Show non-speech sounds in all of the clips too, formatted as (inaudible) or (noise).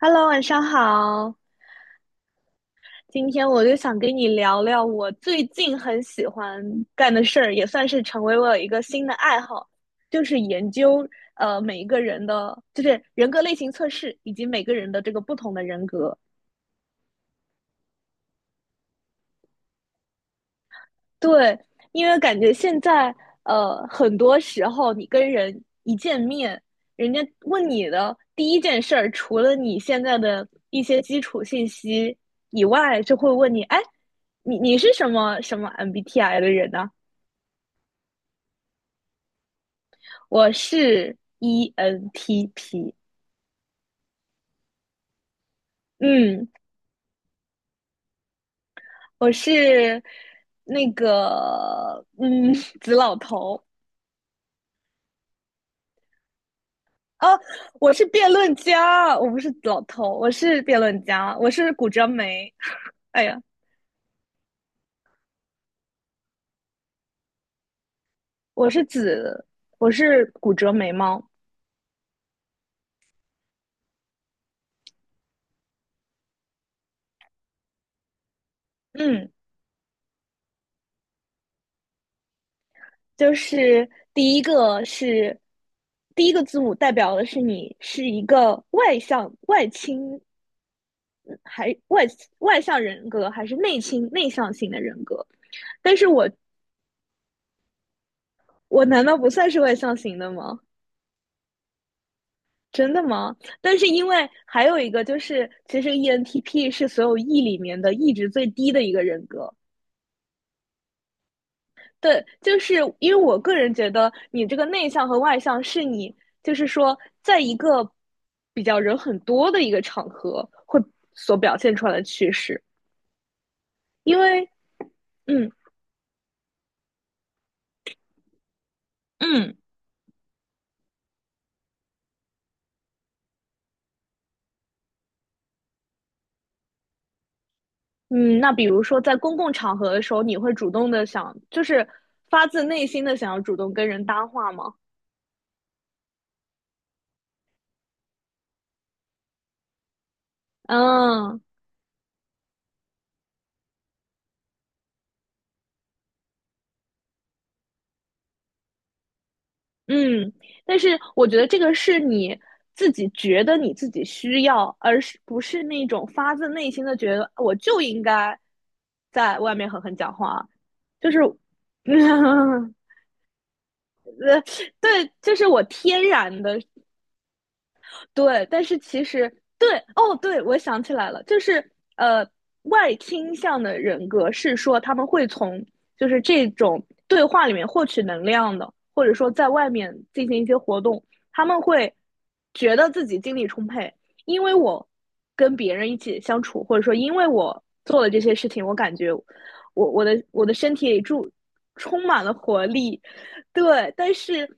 Hello，晚上好。今天我就想跟你聊聊我最近很喜欢干的事儿，也算是成为我一个新的爱好，就是研究每一个人的，就是人格类型测试以及每个人的这个不同的人格。对，因为感觉现在很多时候你跟人一见面，人家问你的第一件事儿，除了你现在的一些基础信息以外，就会问你，哎，你是什么什么 MBTI 的人呢。我是 ENTP，嗯，我是那个(laughs) 紫老头。啊，我是辩论家，我不是老头，我是辩论家，我是骨折眉。(laughs) 哎呀，我是子，我是骨折眉毛。嗯，就是第一个是第一个字母代表的是你是一个外向、外倾，还外外向人格，还是内倾、内向型的人格？但是我难道不算是外向型的吗？真的吗？但是因为还有一个就是，其实 ENTP 是所有 E 里面的 E 值最低的一个人格。对，就是因为我个人觉得，你这个内向和外向是你，就是说，在一个比较人很多的一个场合会所表现出来的趋势。因为，嗯嗯嗯，那比如说在公共场合的时候，你会主动的想，就是发自内心的想要主动跟人搭话吗？嗯嗯，但是我觉得这个是你自己觉得你自己需要，而是不是那种发自内心的觉得我就应该在外面狠狠讲话，就是，(laughs) 对，就是我天然的对，但是其实对哦，对，我想起来了，就是外倾向的人格是说他们会从就是这种对话里面获取能量的，或者说在外面进行一些活动，他们会觉得自己精力充沛，因为我跟别人一起相处，或者说因为我做了这些事情，我感觉我的身体里充满了活力，(laughs) 对，但是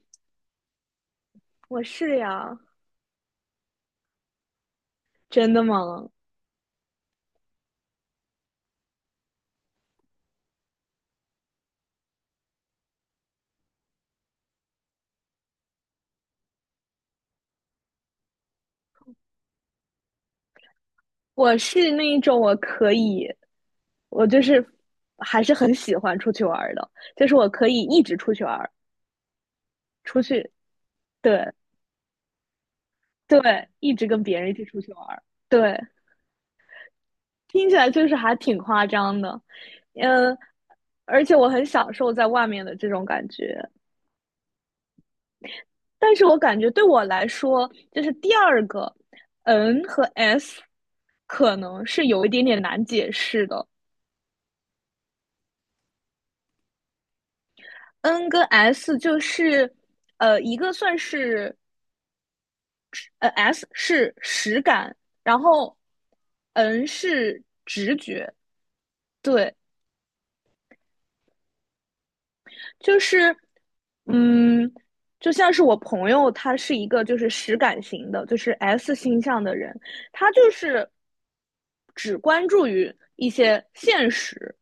我是呀，真的吗？我是那一种我可以，我就是还是很喜欢出去玩儿的，就是我可以一直出去玩儿，出去，对对，一直跟别人一起出去玩儿，对，听起来就是还挺夸张的，嗯，而且我很享受在外面的这种感觉，但是我感觉对我来说，就是第二个 N 和 S 可能是有一点点难解释的，N 跟 S 就是。一个算是S 是实感，然后 N 是直觉，对，就是嗯，就像是我朋友，他是一个就是实感型的，就是 S 星象的人，他就是只关注于一些现实，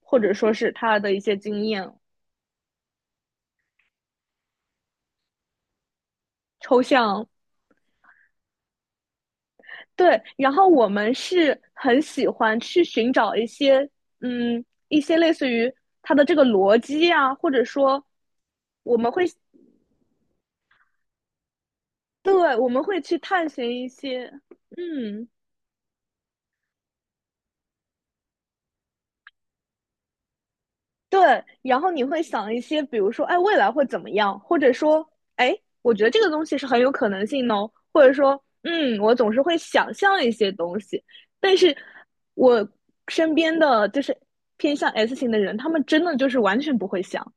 或者说是他的一些经验、抽象对，然后我们是很喜欢去寻找一些，嗯，一些类似于它的这个逻辑啊，或者说我们会，对，我们会去探寻一些，嗯，对，然后你会想一些，比如说，哎，未来会怎么样，或者说，哎，我觉得这个东西是很有可能性的哦，或者说，嗯，我总是会想象一些东西，但是我身边的就是偏向 S 型的人，他们真的就是完全不会想。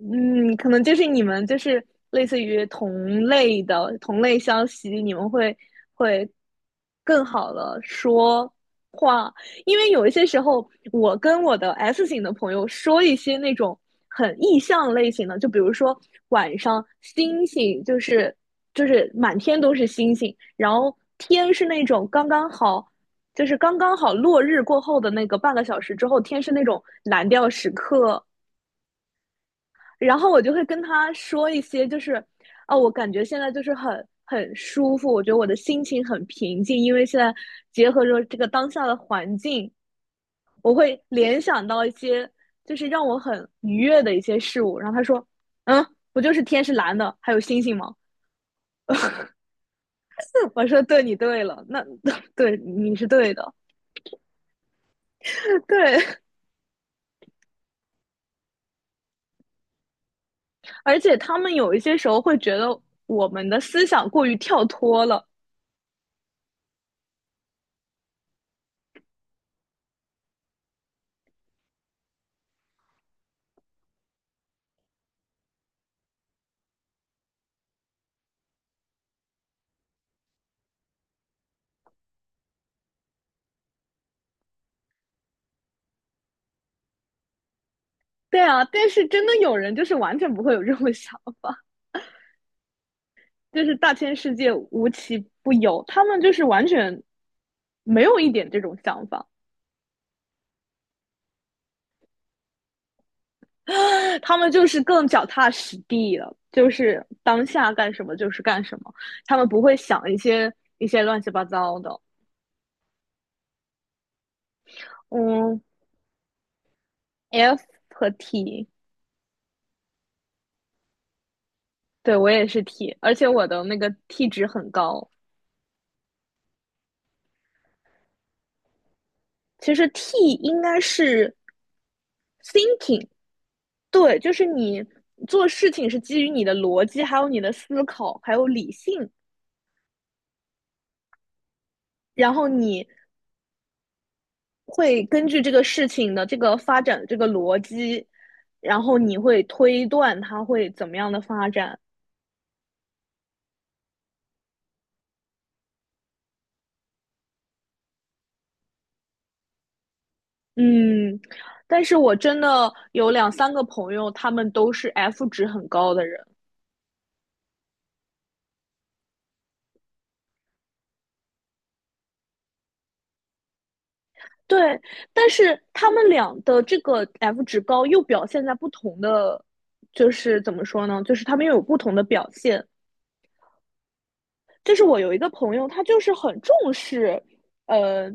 嗯，可能就是你们就是类似于同类的同类消息，你们会更好的说话，因为有一些时候，我跟我的 S 型的朋友说一些那种很意象类型的，就比如说晚上星星就是满天都是星星，然后天是那种刚刚好。就是刚刚好落日过后的那个半个小时之后，天是那种蓝调时刻，然后我就会跟他说一些，就是啊，我感觉现在就是很舒服，我觉得我的心情很平静，因为现在结合着这个当下的环境，我会联想到一些就是让我很愉悦的一些事物。然后他说，嗯，不就是天是蓝的，还有星星吗？我说，对，你对了，那 (laughs) 对你是对的，对。(laughs) 而且他们有一些时候会觉得我们的思想过于跳脱了，对啊，但是真的有人就是完全不会有这种 (laughs) 想法，就是大千世界无奇不有，他们就是完全没有一点这种想法，他们就是更脚踏实地了，就是当下干什么就是干什么，他们不会想一些乱七八糟的。嗯，F 和 T，对我也是 T，而且我的那个 T 值很高。其实 T 应该是 thinking，对，就是你做事情是基于你的逻辑，还有你的思考，还有理性，然后你会根据这个事情的这个发展的这个逻辑，然后你会推断它会怎么样的发展。嗯，但是我真的有两三个朋友，他们都是 F 值很高的人，对，但是他们俩的这个 F 值高又表现在不同的，就是怎么说呢？就是他们又有不同的表现。就是我有一个朋友，他就是很重视，呃，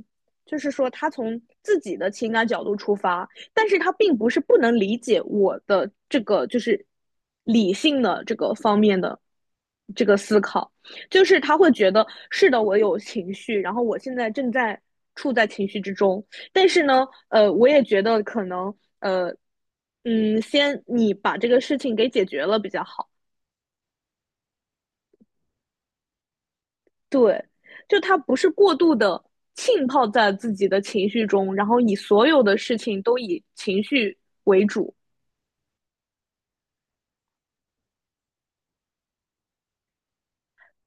就是说他从自己的情感角度出发，但是他并不是不能理解我的这个就是理性的这个方面的这个思考，就是他会觉得是的，我有情绪，然后我现在正在处在情绪之中，但是呢，我也觉得可能，呃，嗯，先你把这个事情给解决了比较好。对，就他不是过度的浸泡在自己的情绪中，然后以所有的事情都以情绪为主。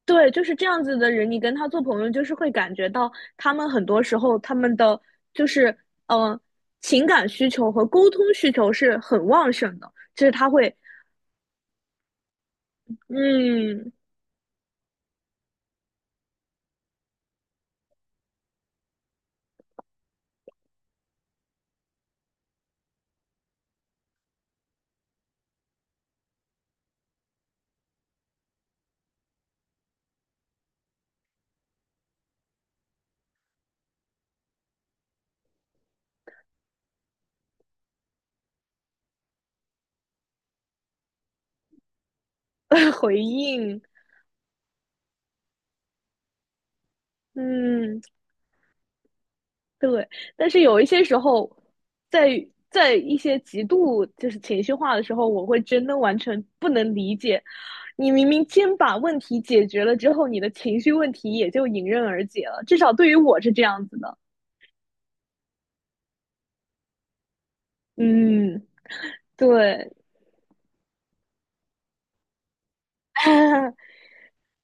对，就是这样子的人，你跟他做朋友，就是会感觉到他们很多时候他们的就是嗯、呃、情感需求和沟通需求是很旺盛的，就是他会嗯 (laughs) 回应嗯。对，但是有一些时候，在在一些极度就是情绪化的时候，我会真的完全不能理解，你明明先把问题解决了之后，你的情绪问题也就迎刃而解了。至少对于我是这样子的。嗯，对，(laughs)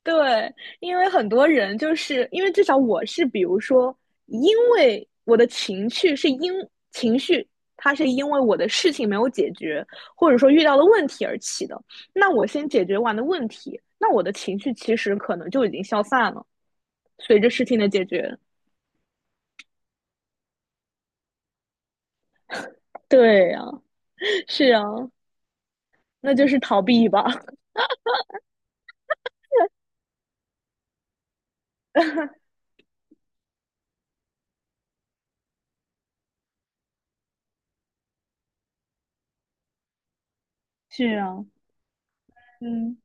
对，因为很多人就是因为至少我是，比如说，因为我的情绪是因情绪，它是因为我的事情没有解决，或者说遇到了问题而起的。那我先解决完的问题，那我的情绪其实可能就已经消散了，随着事情的解决。对呀，是啊，那就是逃避吧。(laughs) 是啊，嗯，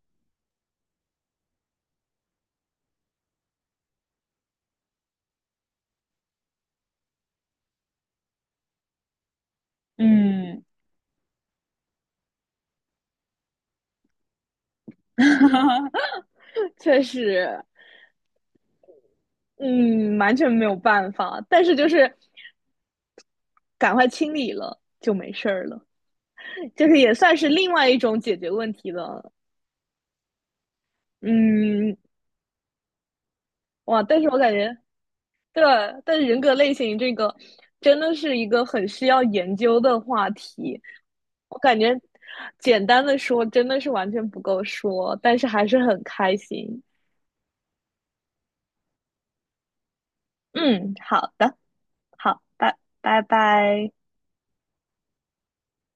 嗯，(laughs) 确实，嗯，完全没有办法。但是就是赶快清理了就没事儿了，就是也算是另外一种解决问题的。嗯，哇，但是我感觉，对吧，但是人格类型这个真的是一个很需要研究的话题。我感觉简单的说真的是完全不够说，但是还是很开心。嗯，好的，好，拜拜拜。